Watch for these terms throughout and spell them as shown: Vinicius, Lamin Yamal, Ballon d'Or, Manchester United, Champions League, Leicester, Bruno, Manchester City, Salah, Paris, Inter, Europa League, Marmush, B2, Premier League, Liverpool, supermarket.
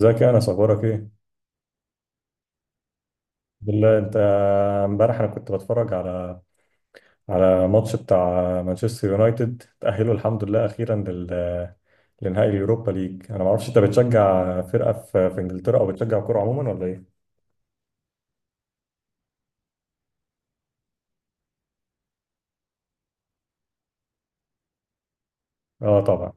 ازيك يا انس، اخبارك ايه؟ بالله انت. امبارح انا كنت بتفرج على ماتش بتاع مانشستر يونايتد. تأهلوا الحمد لله اخيرا لنهائي اليوروبا ليج. انا ما اعرفش انت بتشجع فرقة في انجلترا او بتشجع كورة عموما ولا ايه؟ اه طبعا.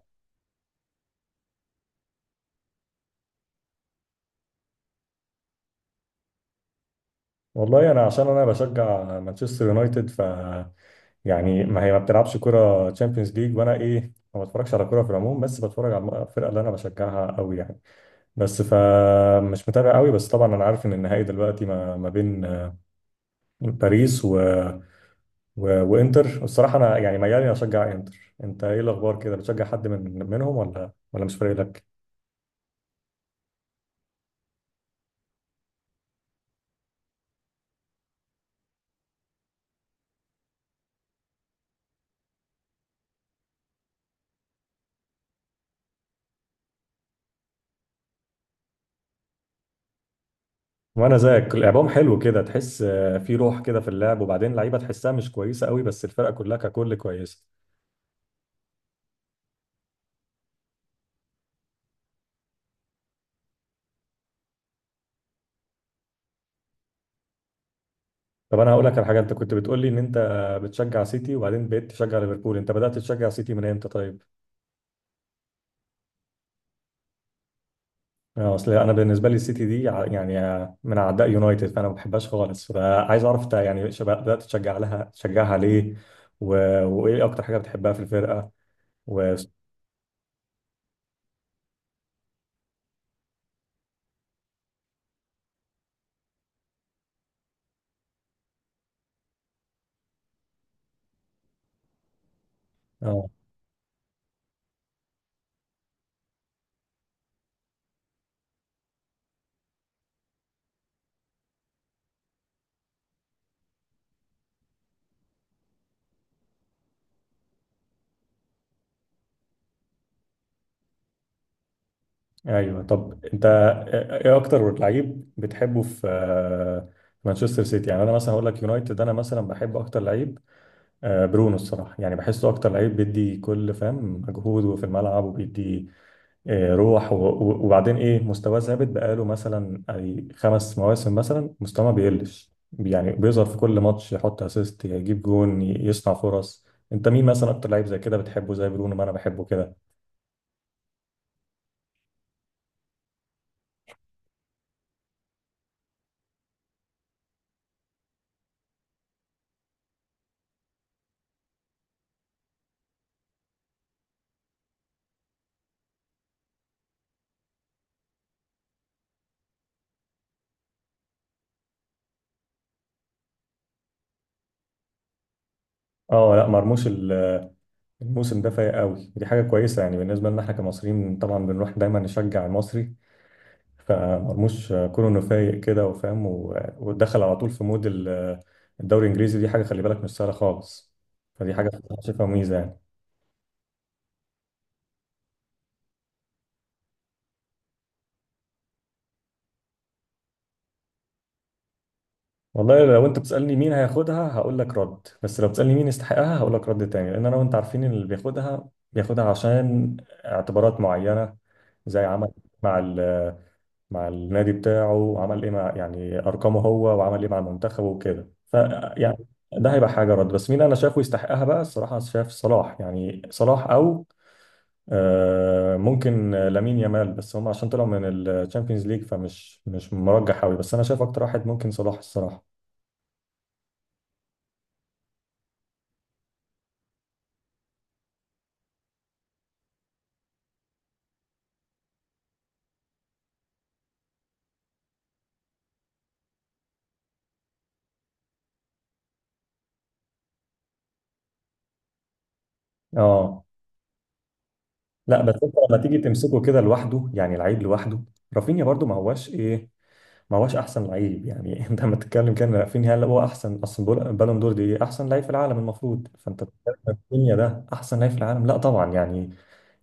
والله انا عشان انا بشجع مانشستر يونايتد يعني ما هي ما بتلعبش كرة تشامبيونز ليج، وانا ايه ما بتفرجش على كرة في العموم، بس بتفرج على الفرقة اللي انا بشجعها قوي يعني. بس فمش متابع قوي، بس طبعا انا عارف ان النهائي دلوقتي ما بين باريس وانتر. الصراحه انا يعني ميال إني اشجع انتر. انت ايه الاخبار كده، بتشجع حد منهم ولا مش فارق لك؟ وانا زيك، لعبهم حلو كده، تحس في روح كده في اللعب، وبعدين لعيبه تحسها مش كويسه قوي، بس الفرقه كلها ككل كويسه. طب انا هقول لك على حاجه، انت كنت بتقول لي ان انت بتشجع سيتي وبعدين بقيت تشجع ليفربول. انت بدات تشجع سيتي من امتى طيب؟ اصل انا بالنسبه لي السيتي دي من اعداء يونايتد، فانا ما بحبهاش خالص. فعايز اعرف انت يعني بدات تشجعها ليه؟ و... وايه اكتر حاجه بتحبها في الفرقه؟ و... اه، ايوه. طب انت، ايه اكتر لعيب بتحبه في مانشستر سيتي؟ يعني انا مثلا هقول لك يونايتد، انا مثلا بحب اكتر لعيب برونو الصراحه. يعني بحسه اكتر لعيب بيدي كل فهم مجهوده في الملعب، وبيدي روح، وبعدين ايه مستواه ثابت. بقاله مثلا اي خمس مواسم مثلا مستواه ما بيقلش يعني، بيظهر في كل ماتش، يحط اسيست، يجيب جون، يصنع فرص. انت مين مثلا اكتر لعيب زي كده بتحبه زي برونو ما انا بحبه كده؟ اه لا، مرموش الموسم ده فايق قوي، دي حاجه كويسه يعني. بالنسبه لنا احنا كمصريين طبعا بنروح دايما نشجع المصري. فمرموش كونه انه فايق كده وفاهم ودخل على طول في مود الدوري الانجليزي، دي حاجه خلي بالك مش سهله خالص. فدي حاجه شايفها ميزه يعني. والله لو انت بتسألني مين هياخدها هقول لك رد، بس لو بتسألني مين يستحقها هقول لك رد تاني. لان انا وانت عارفين اللي بياخدها بياخدها عشان اعتبارات معينة. زي عمل مع ال مع النادي بتاعه، وعمل ايه مع يعني ارقامه هو، وعمل ايه مع المنتخب وكده. ف يعني ده هيبقى حاجة رد. بس مين انا شايفه يستحقها بقى الصراحة؟ شايف صلاح، يعني صلاح او ممكن لامين يامال، بس هم عشان طلعوا من الشامبيونز ليج فمش مش مرجح قوي، بس انا شايف اكتر واحد ممكن صلاح الصراحة. اه لا، بس انت لما تيجي تمسكه كده لوحده، يعني العيب لوحده. رافينيا برضو ما هواش ايه، ما هواش احسن لعيب يعني. انت لما تتكلم كان رافينيا هل هو احسن؟ اصل بالون دور دي احسن لعيب في العالم المفروض، فانت بتتكلم رافينيا ده احسن لعيب في العالم؟ لا طبعا يعني.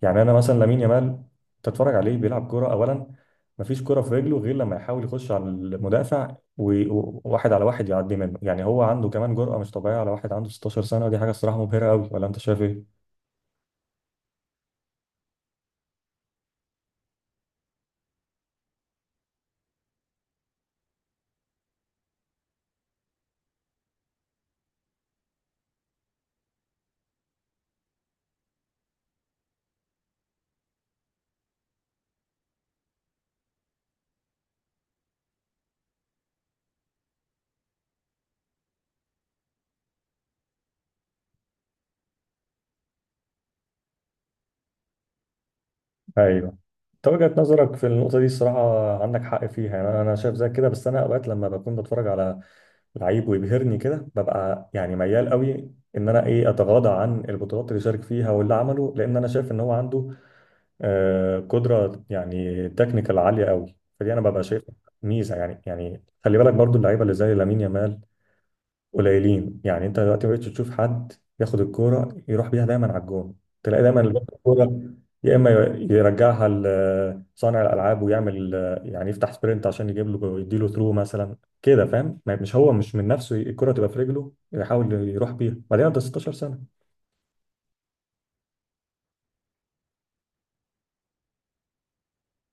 يعني انا مثلا لامين يامال تتفرج عليه بيلعب كوره اولا، مفيش كوره في رجله غير لما يحاول يخش على المدافع، وواحد على واحد يعدي منه يعني. هو عنده كمان جرأة مش طبيعية، على واحد عنده 16 سنة، ودي حاجة الصراحة مبهرة قوي. ولا انت شايف ايه؟ ايوه. انت وجهة نظرك في النقطة دي الصراحة عندك حق فيها يعني، أنا شايف زي كده. بس انا اوقات لما بكون بتفرج على لعيب ويبهرني كده ببقى يعني ميال قوي ان انا ايه اتغاضى عن البطولات اللي شارك فيها واللي عمله، لان انا شايف ان هو عنده قدرة يعني تكنيكال عالية قوي. فدي انا ببقى شايف ميزة يعني. خلي بالك برضو اللعيبة اللي زي لامين يامال قليلين يعني. انت دلوقتي ما بقتش تشوف حد ياخد الكوره يروح بيها دايما على الجون. تلاقي دايما اللي بياخد الكوره يا اما يرجعها لصانع الالعاب، ويعمل يعني يفتح سبرنت عشان يجيب له يديله ثرو مثلا كده، فاهم؟ مش هو، مش من نفسه الكوره تبقى في رجله يحاول يروح بيها. بعدين انت 16 سنه.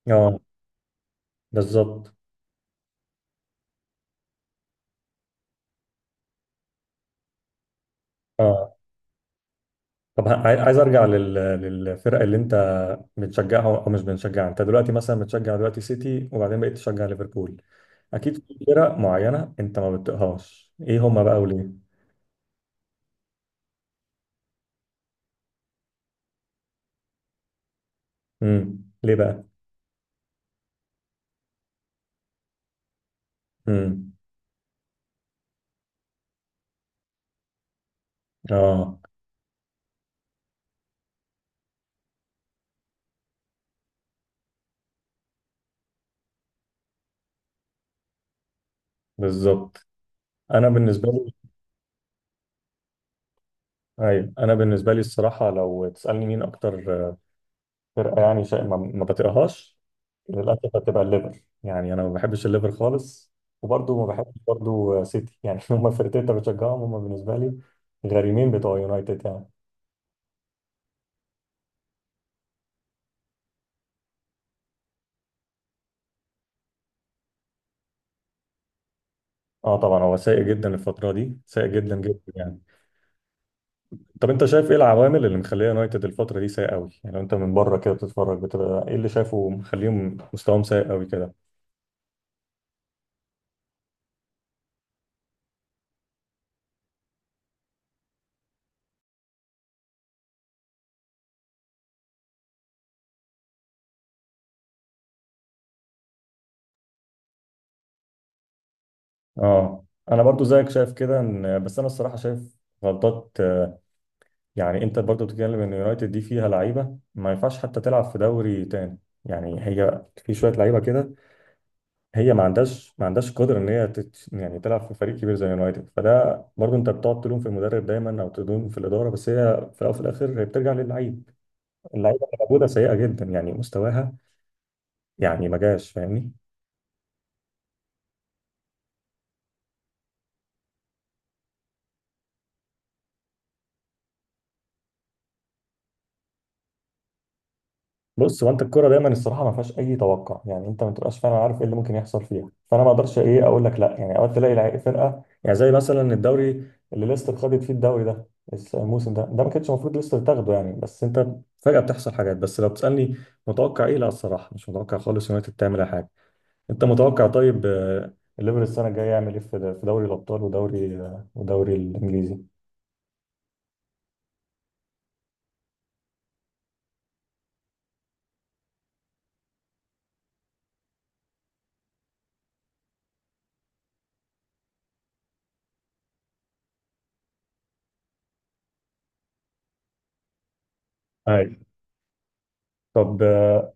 اه بالظبط اه. طب عايز ارجع للفرق اللي انت بتشجعها او مش بتشجعها. انت دلوقتي مثلا بتشجع دلوقتي سيتي وبعدين بقيت تشجع ليفربول، اكيد في فرق معينه انت ما بتطيقهاش، ايه هما بقى وليه؟ ليه بقى؟ امم. اه بالظبط. انا بالنسبه لي، ايوه، انا بالنسبه لي الصراحه لو تسالني مين اكتر فرقه يعني شيء ما بطيقهاش، للأسف هتبقى الليفر. يعني أنا ما بحبش الليفر خالص، وبرضه ما بحبش برضه سيتي يعني. هما الفرقتين اللي بشجعهم هما بالنسبة لي غريمين بتوع يونايتد يعني. اه طبعا، هو سيء جدا الفترة دي، سيء جدا جدا يعني. طب انت شايف ايه العوامل اللي مخليه يونايتد الفترة دي سيء قوي يعني؟ لو انت من بره كده بتتفرج بتبقى ايه اللي شايفه مخليهم مستواهم سيء قوي كده؟ اه، انا برضو زيك شايف كده، ان بس انا الصراحة شايف غلطات يعني. انت برضو بتتكلم ان يونايتد دي فيها لعيبه ما ينفعش حتى تلعب في دوري تاني. يعني هي في شويه لعيبه كده، هي ما عندهاش قدره ان هي يعني تلعب في فريق كبير زي يونايتد. فده برضو انت بتقعد تلوم في المدرب دايما او تلوم في الاداره، بس هي في الاول وفي الاخر هي بترجع للعيب. اللعيبه اللي موجوده سيئه جدا يعني مستواها. يعني ما جاش، فاهمني؟ بص، هو انت الكوره دايما الصراحه ما فيهاش اي توقع يعني، انت ما تبقاش فعلا عارف ايه اللي ممكن يحصل فيها. فانا ما اقدرش ايه اقول لك لا. يعني اوقات تلاقي فرقه يعني زي مثلا الدوري اللي ليستر خدت فيه الدوري ده، الموسم ده ما كانش المفروض ليستر تاخده يعني، بس انت فجاه بتحصل حاجات. بس لو بتسالني متوقع ايه، لا الصراحه مش متوقع خالص يونايتد تعمل اي حاجه. انت متوقع طيب الليفر السنه الجايه يعمل ايه في في دوري الابطال ودوري الانجليزي؟ ايوه طب آه،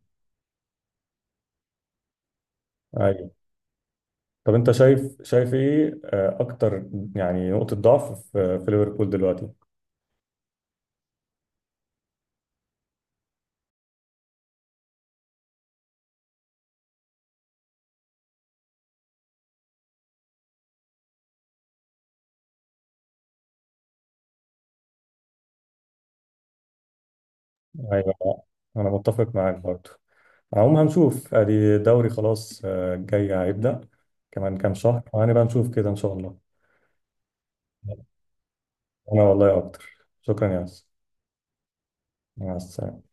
ايوه طب انت شايف ايه اكتر يعني نقطة ضعف في ليفربول دلوقتي؟ ايوه انا متفق معاك برضو. عموما هنشوف، ادي دوري خلاص جاي هيبدأ كمان كام شهر وهنبقى نشوف كده ان شاء الله. انا والله اكتر، شكرا يا ياسر. مع السلامة.